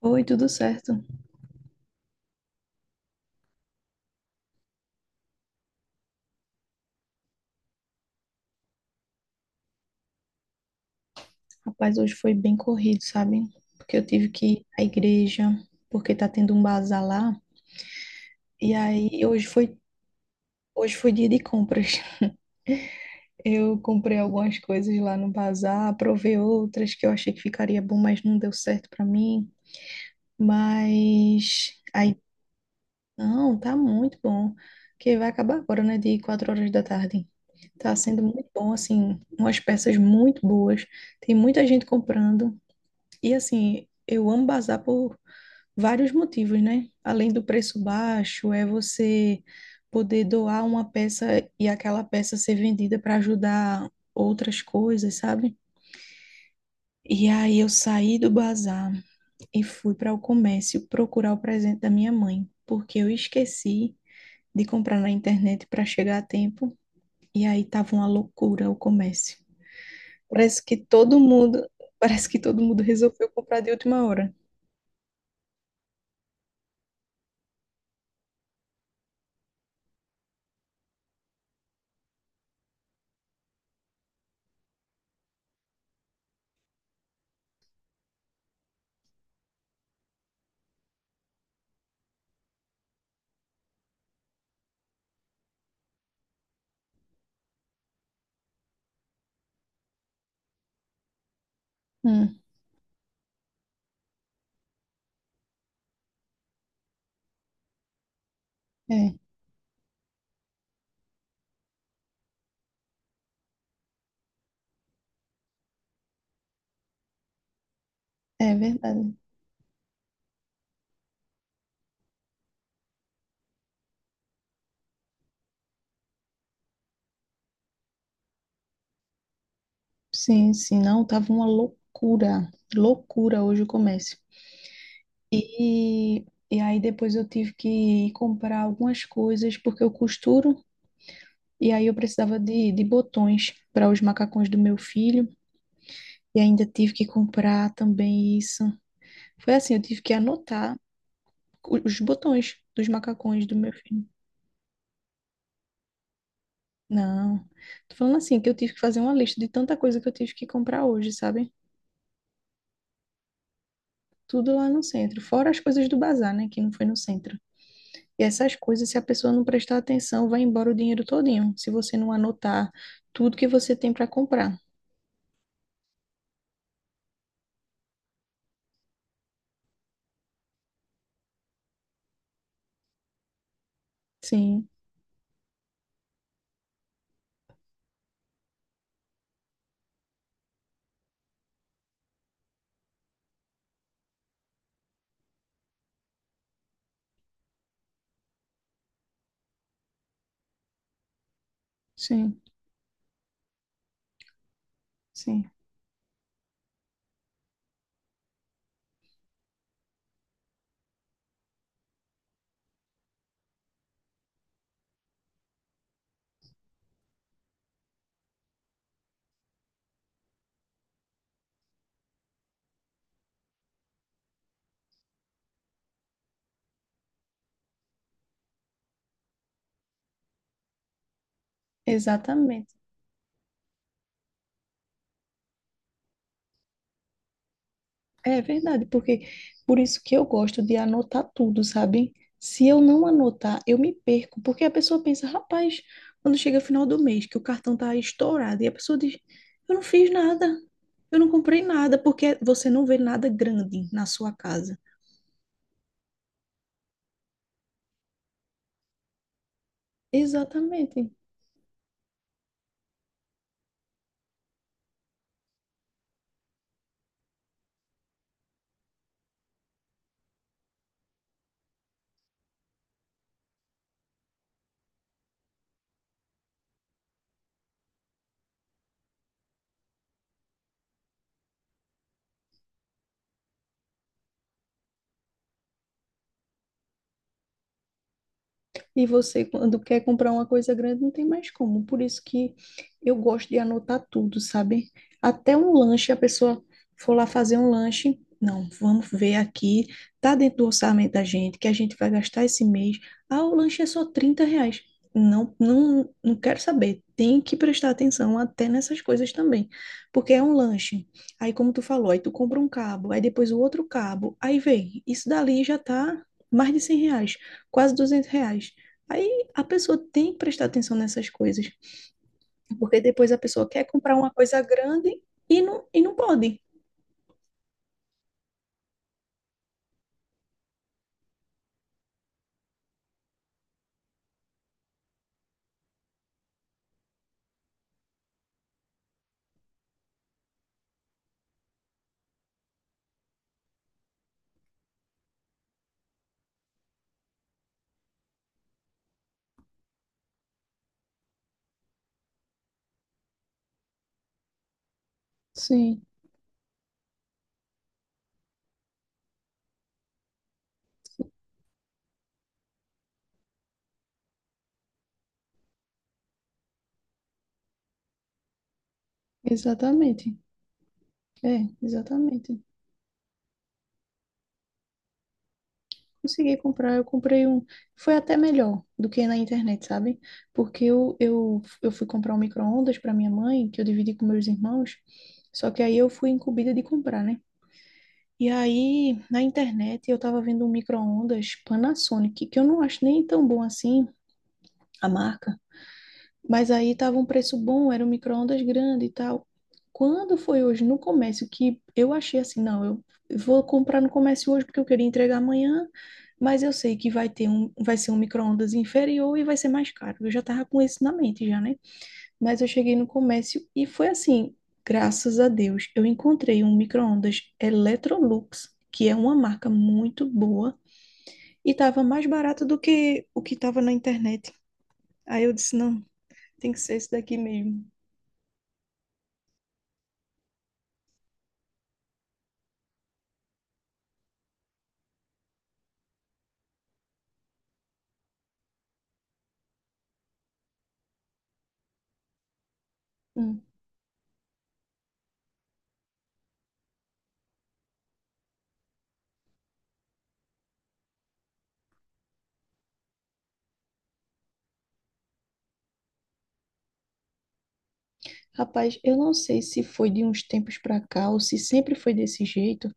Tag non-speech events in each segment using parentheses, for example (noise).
Oi, tudo certo? Rapaz, hoje foi bem corrido, sabe? Porque eu tive que ir à igreja, porque tá tendo um bazar lá. E aí, hoje foi dia de compras. (laughs) Eu comprei algumas coisas lá no bazar, provei outras que eu achei que ficaria bom, mas não deu certo pra mim. Mas aí, não, tá muito bom. Que vai acabar agora, né? De 4 horas da tarde. Tá sendo muito bom, assim, umas peças muito boas. Tem muita gente comprando. E assim, eu amo bazar por vários motivos, né? Além do preço baixo, é você poder doar uma peça e aquela peça ser vendida para ajudar outras coisas, sabe? E aí eu saí do bazar e fui para o comércio procurar o presente da minha mãe, porque eu esqueci de comprar na internet para chegar a tempo, e aí tava uma loucura o comércio. Parece que todo mundo, (laughs) parece que todo mundo resolveu comprar de última hora. Hum, é. É verdade. Sim, sim, não, tava uma loucura, loucura hoje o comércio. E, e aí depois eu tive que ir comprar algumas coisas porque eu costuro e aí eu precisava de botões para os macacões do meu filho e ainda tive que comprar também isso. Foi assim, eu tive que anotar os botões dos macacões do meu filho. Não, tô falando assim que eu tive que fazer uma lista de tanta coisa que eu tive que comprar hoje, sabe? Tudo lá no centro, fora as coisas do bazar, né, que não foi no centro. E essas coisas, se a pessoa não prestar atenção, vai embora o dinheiro todinho, se você não anotar tudo que você tem para comprar. Sim, sim, sim. Exatamente. É verdade, porque por isso que eu gosto de anotar tudo, sabe? Se eu não anotar, eu me perco, porque a pessoa pensa, rapaz, quando chega final do mês, que o cartão tá estourado, e a pessoa diz, eu não fiz nada, eu não comprei nada, porque você não vê nada grande na sua casa. Exatamente. E você, quando quer comprar uma coisa grande, não tem mais como. Por isso que eu gosto de anotar tudo, sabe? Até um lanche, a pessoa for lá fazer um lanche. Não, vamos ver aqui. Tá dentro do orçamento da gente, que a gente vai gastar esse mês. Ah, o lanche é só 30 reais. Não, não, não quero saber. Tem que prestar atenção até nessas coisas também. Porque é um lanche. Aí, como tu falou, aí tu compra um cabo, aí depois o outro cabo. Aí vem, isso dali já tá mais de 100 reais, quase 200 reais. Aí a pessoa tem que prestar atenção nessas coisas, porque depois a pessoa quer comprar uma coisa grande e não pode. Sim, exatamente. É, exatamente. Consegui comprar, eu comprei um. Foi até melhor do que na internet, sabe? Porque eu fui comprar um micro-ondas para minha mãe, que eu dividi com meus irmãos, só que aí eu fui incumbida de comprar, né? E aí, na internet, eu tava vendo um micro-ondas Panasonic, que eu não acho nem tão bom assim a marca. Mas aí tava um preço bom, era um micro-ondas grande e tal. Quando foi hoje no comércio que eu achei assim, não, eu vou comprar no comércio hoje porque eu queria entregar amanhã, mas eu sei que vai ter um, vai ser um micro-ondas inferior e vai ser mais caro. Eu já tava com isso na mente já, né? Mas eu cheguei no comércio e foi assim, graças a Deus, eu encontrei um micro-ondas Electrolux, que é uma marca muito boa e tava mais barato do que o que tava na internet. Aí eu disse, não, tem que ser esse daqui mesmo. Hum. Rapaz, eu não sei se foi de uns tempos para cá ou se sempre foi desse jeito,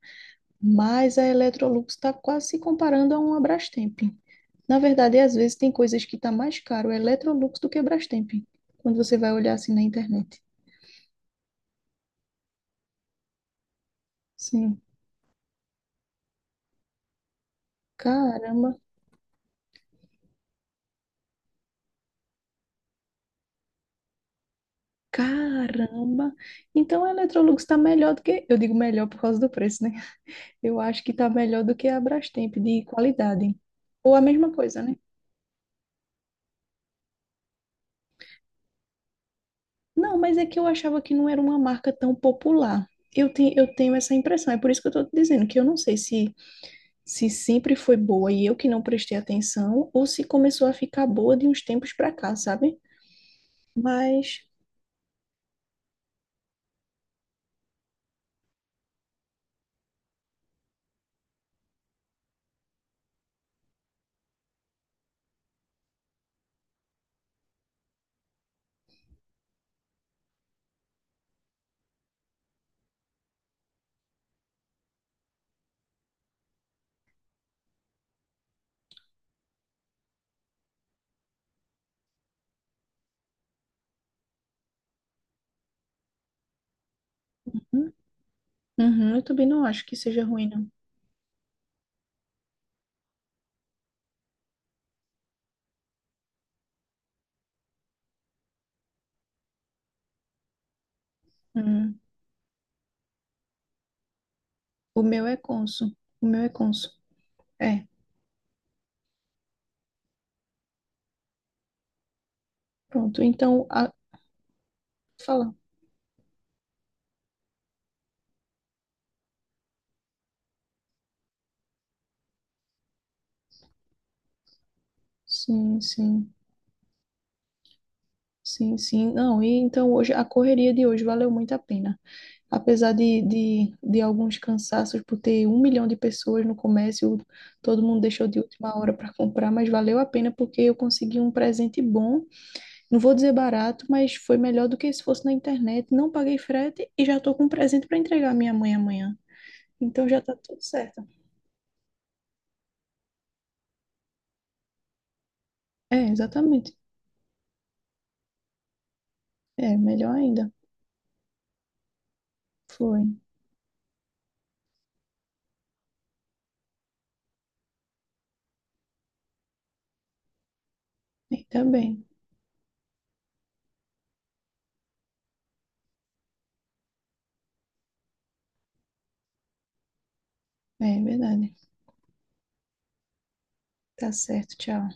mas a Electrolux está quase se comparando a uma Brastemp. Na verdade, às vezes tem coisas que tá mais caro a Electrolux do que a Brastemp, quando você vai olhar assim na internet. Sim, caramba, caramba. Então a Electrolux está melhor do que, eu digo melhor por causa do preço, né? Eu acho que está melhor do que a Brastemp de qualidade. Ou a mesma coisa, né? Não, mas é que eu achava que não era uma marca tão popular. Eu tenho essa impressão, é por isso que eu estou dizendo que eu não sei se, se sempre foi boa e eu que não prestei atenção, ou se começou a ficar boa de uns tempos para cá, sabe? Mas uhum, uhum, eu também não acho que seja ruim, não. Uhum. O meu é Consul. O meu é Consul. É, pronto. Então, a... fala. Sim, sim. Sim, sim. Não, e então hoje a correria de hoje valeu muito a pena. Apesar de alguns cansaços por ter 1 milhão de pessoas no comércio, todo mundo deixou de última hora para comprar, mas valeu a pena porque eu consegui um presente bom. Não vou dizer barato, mas foi melhor do que se fosse na internet. Não paguei frete e já estou com um presente para entregar à minha mãe amanhã. Então já está tudo certo. É, exatamente. É, melhor ainda. Foi. Ainda bem. É, é verdade. Tá certo. Tchau.